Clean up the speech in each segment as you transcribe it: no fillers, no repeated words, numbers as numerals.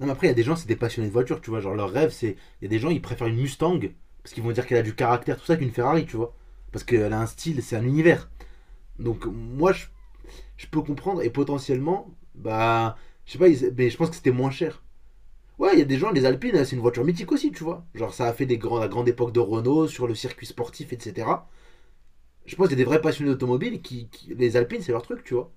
Non, mais après, il y a des gens, c'est des passionnés de voiture, tu vois. Genre, leur rêve, c'est. Il y a des gens, ils préfèrent une Mustang parce qu'ils vont dire qu'elle a du caractère, tout ça, qu'une Ferrari, tu vois. Parce qu'elle a un style, c'est un univers. Donc, moi, je peux comprendre et potentiellement, bah. Je sais pas, mais je pense que c'était moins cher. Ouais, il y a des gens, les Alpines, c'est une voiture mythique aussi, tu vois. Genre, ça a fait des grands, la grande époque de Renault sur le circuit sportif, etc. Je pense qu'il y a des vrais passionnés d'automobile Les Alpines, c'est leur truc, tu vois.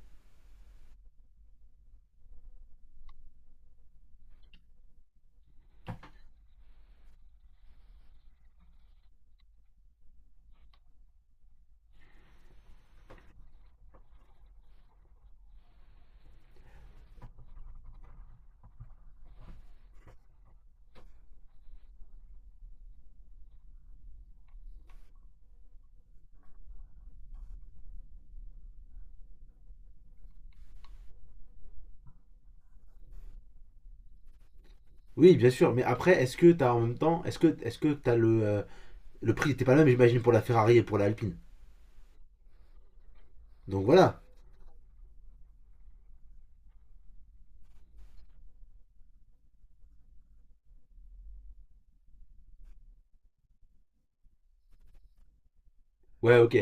Oui, bien sûr, mais après, est-ce que t'as en même temps. Est-ce que t'as le. Le prix était pas le même, j'imagine, pour la Ferrari et pour la Alpine. Donc voilà. Ouais, ok.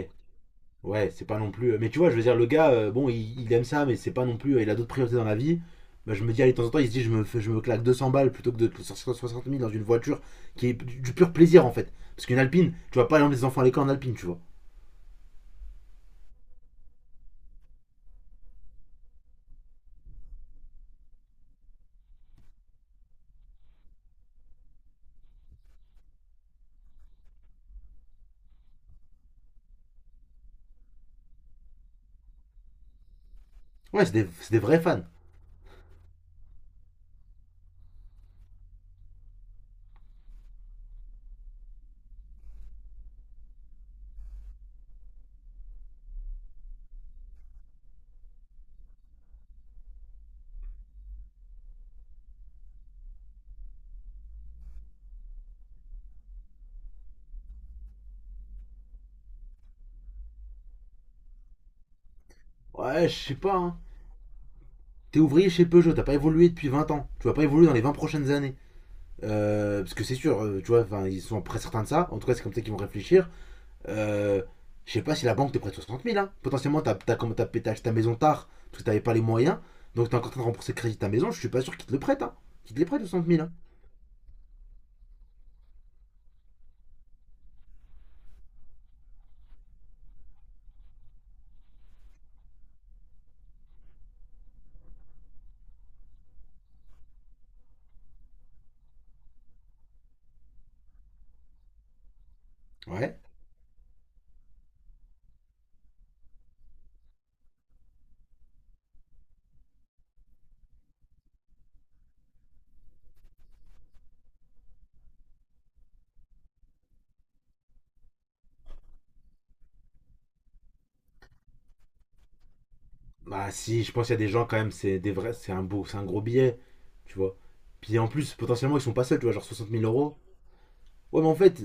Ouais, c'est pas non plus. Mais tu vois, je veux dire, le gars, bon, il aime ça, mais c'est pas non plus. Il a d'autres priorités dans la vie. Bah, je me dis, allez, de temps en temps, il se dit, je me claque 200 balles plutôt que 60 000 dans une voiture qui est du pur plaisir en fait. Parce qu'une alpine, tu vas pas emmener des enfants à l'école en alpine, tu vois. Ouais, c'est des vrais fans. Ouais, je sais pas, hein. T'es ouvrier chez Peugeot, t'as pas évolué depuis 20 ans. Tu vas pas évoluer dans les 20 prochaines années. Parce que c'est sûr, tu vois, enfin, ils sont très certains de ça. En tout cas, c'est comme ça qu'ils vont réfléchir. Euh, je sais pas si la banque te prête 60 000. Hein. Potentiellement, acheté ta maison tard parce que t'avais pas les moyens. Donc t'es encore en train de rembourser le crédit de ta maison. Je suis pas sûr qu'ils te le prêtent. Hein. Qu'ils te les prêtent 60 000. Hein. Ouais. Bah si, je pense qu'il y a des gens quand même, c'est des vrais, c'est un beau, c'est un gros billet. Tu vois. Puis en plus, potentiellement, ils sont pas seuls, tu vois, genre 60 000 euros. Ouais, mais en fait,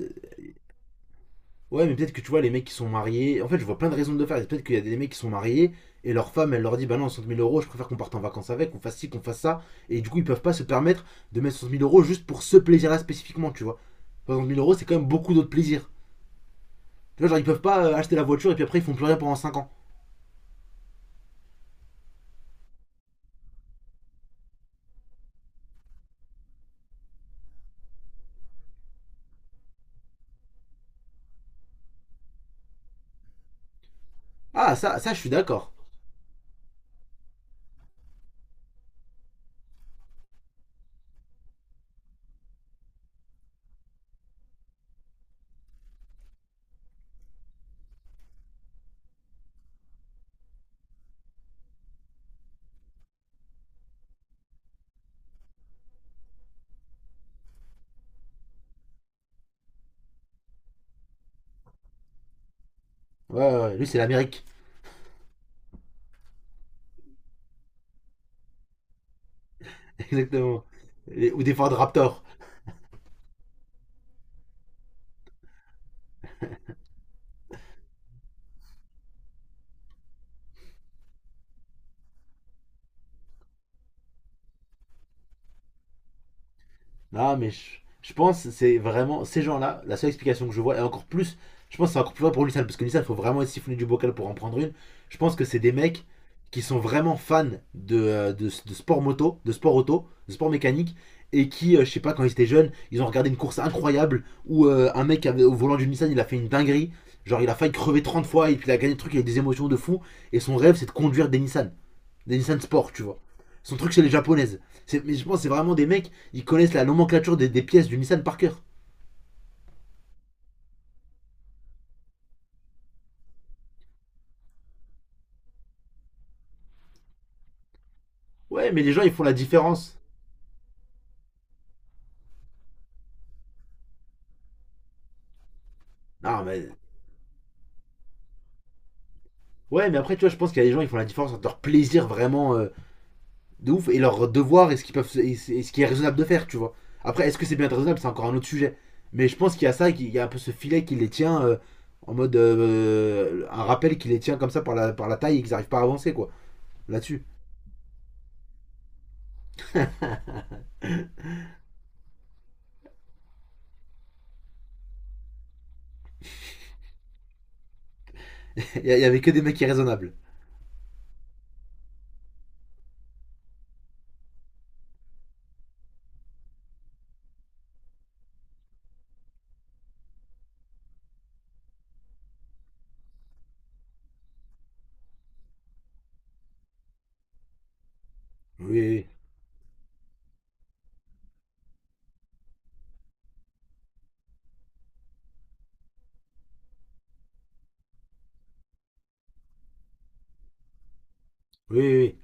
ouais, mais peut-être que tu vois, les mecs qui sont mariés. En fait, je vois plein de raisons de le faire. Peut-être qu'il y a des mecs qui sont mariés et leur femme, elle leur dit bah non, 60 000 euros, je préfère qu'on parte en vacances avec, qu'on fasse ci, qu'on fasse ça. Et du coup, ils peuvent pas se permettre de mettre 60 000 euros juste pour ce plaisir-là spécifiquement, tu vois. 60 000 euros, c'est quand même beaucoup d'autres plaisirs. Tu vois, genre, ils peuvent pas acheter la voiture et puis après, ils font plus rien pendant cinq ans. Ah, ça, je suis d'accord. Ouais, ouais, ouais, lui, c'est l'Amérique. Exactement. Ou des Ford Raptor. Non, mais je pense c'est vraiment ces gens-là, la seule explication que je vois, et encore plus, je pense que c'est encore plus vrai pour Nissan, parce que Nissan, il faut vraiment être siphonné du bocal pour en prendre une. Je pense que c'est des mecs qui sont vraiment fans de sport moto, de sport auto, de sport mécanique, et qui, je sais pas, quand ils étaient jeunes, ils ont regardé une course incroyable où un mec au volant d'une Nissan, il a fait une dinguerie. Genre, il a failli crever 30 fois et puis il a gagné le truc avec des émotions de fou. Et son rêve, c'est de conduire des Nissan. Des Nissan Sport, tu vois. Son truc, c'est les japonaises. Mais je pense que c'est vraiment des mecs, ils connaissent la nomenclature des pièces du Nissan par cœur. Ouais, mais les gens, ils font la différence. Non, mais. Ouais, mais après, tu vois, je pense qu'il y a des gens, ils font la différence entre leur plaisir vraiment de ouf et leur devoir et ce qu'ils peuvent, et ce qui est raisonnable de faire, tu vois. Après, est-ce que c'est bien raisonnable? C'est encore un autre sujet. Mais je pense qu'il y a ça, qu'il y a un peu ce filet qui les tient en mode. Un rappel qui les tient comme ça par la, taille et qu'ils n'arrivent pas à avancer, quoi. Là-dessus. Il y avait que des mecs irraisonnables. Oui, oui, oui. Oui.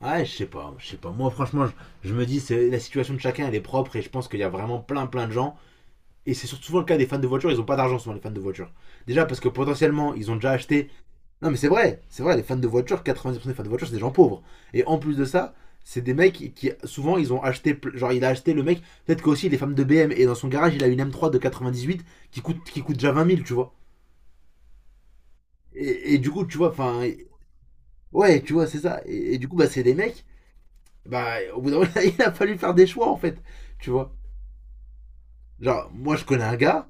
Ouais, je sais pas, je sais pas. Moi, franchement, je me dis, c'est la situation de chacun, elle est propre et je pense qu'il y a vraiment plein, plein de gens. Et c'est surtout souvent le cas des fans de voitures, ils ont pas d'argent souvent les fans de voitures. Déjà parce que potentiellement, ils ont déjà acheté. Non, mais c'est vrai, les fans de voitures, 90% des fans de voitures, c'est des gens pauvres. Et en plus de ça, c'est des mecs souvent, ils ont acheté, genre, il a acheté le mec, peut-être qu'aussi il est fan de BM et dans son garage, il a une M3 de 98 qui coûte déjà 20 000, tu vois. Et du coup, tu vois, enfin, ouais, tu vois, c'est ça. Et du coup, bah, c'est des mecs bah, au bout d'un moment, il a fallu faire des choix, en fait. Tu vois. Genre, moi,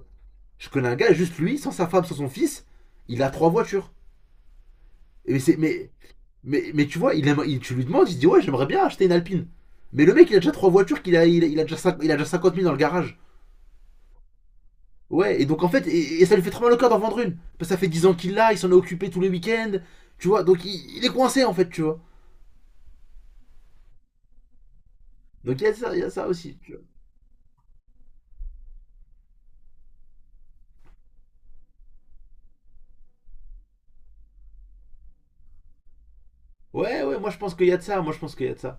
je connais un gars, juste lui, sans sa femme, sans son fils, il a 3 voitures. Et c'est, mais tu vois, il aime, tu lui demandes, il se dit, ouais, j'aimerais bien acheter une Alpine. Mais le mec, il a déjà 3 voitures, qu'il a, il, a- il a déjà 50 000 dans le garage. Ouais, et donc en fait, et ça lui fait très mal au cœur d'en vendre une. Parce que ça fait 10 ans qu'il l'a, il s'en est occupé tous les week-ends. Tu vois, donc il est coincé, en fait, tu vois. Donc il y a ça, il y a ça aussi. Tu vois. Ouais, ouais, moi, je pense qu'il y a de ça, moi, je pense qu'il y a de ça.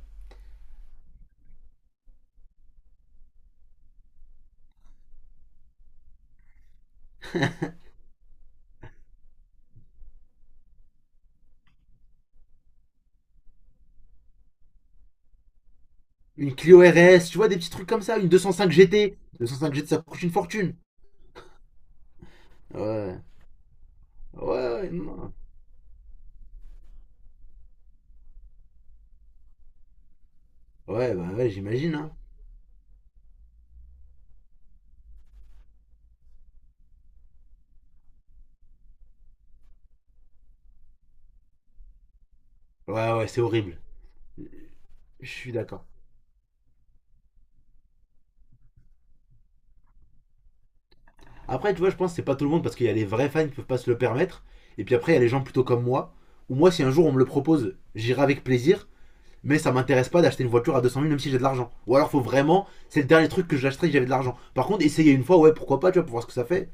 Une Clio RS, tu vois, des petits trucs comme ça, une 205 GT. 205 GT, ça coûte une fortune. Ouais, ouais, ouais, non. Ouais, bah ouais, j'imagine. Hein. Ouais, ouais, c'est horrible. Je suis d'accord. Après, tu vois, je pense que c'est pas tout le monde parce qu'il y a les vrais fans qui peuvent pas se le permettre. Et puis après, il y a les gens plutôt comme moi. Ou moi, si un jour on me le propose, j'irai avec plaisir. Mais ça m'intéresse pas d'acheter une voiture à 200 000 même si j'ai de l'argent. Ou alors, faut vraiment, c'est le dernier truc que j'achèterai si j'avais de l'argent. Par contre, essayer une fois, ouais, pourquoi pas, tu vois, pour voir ce que ça fait.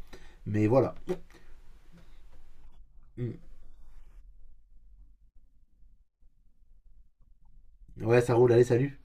Mais voilà. Mm. Ouais, ça roule, allez, salut.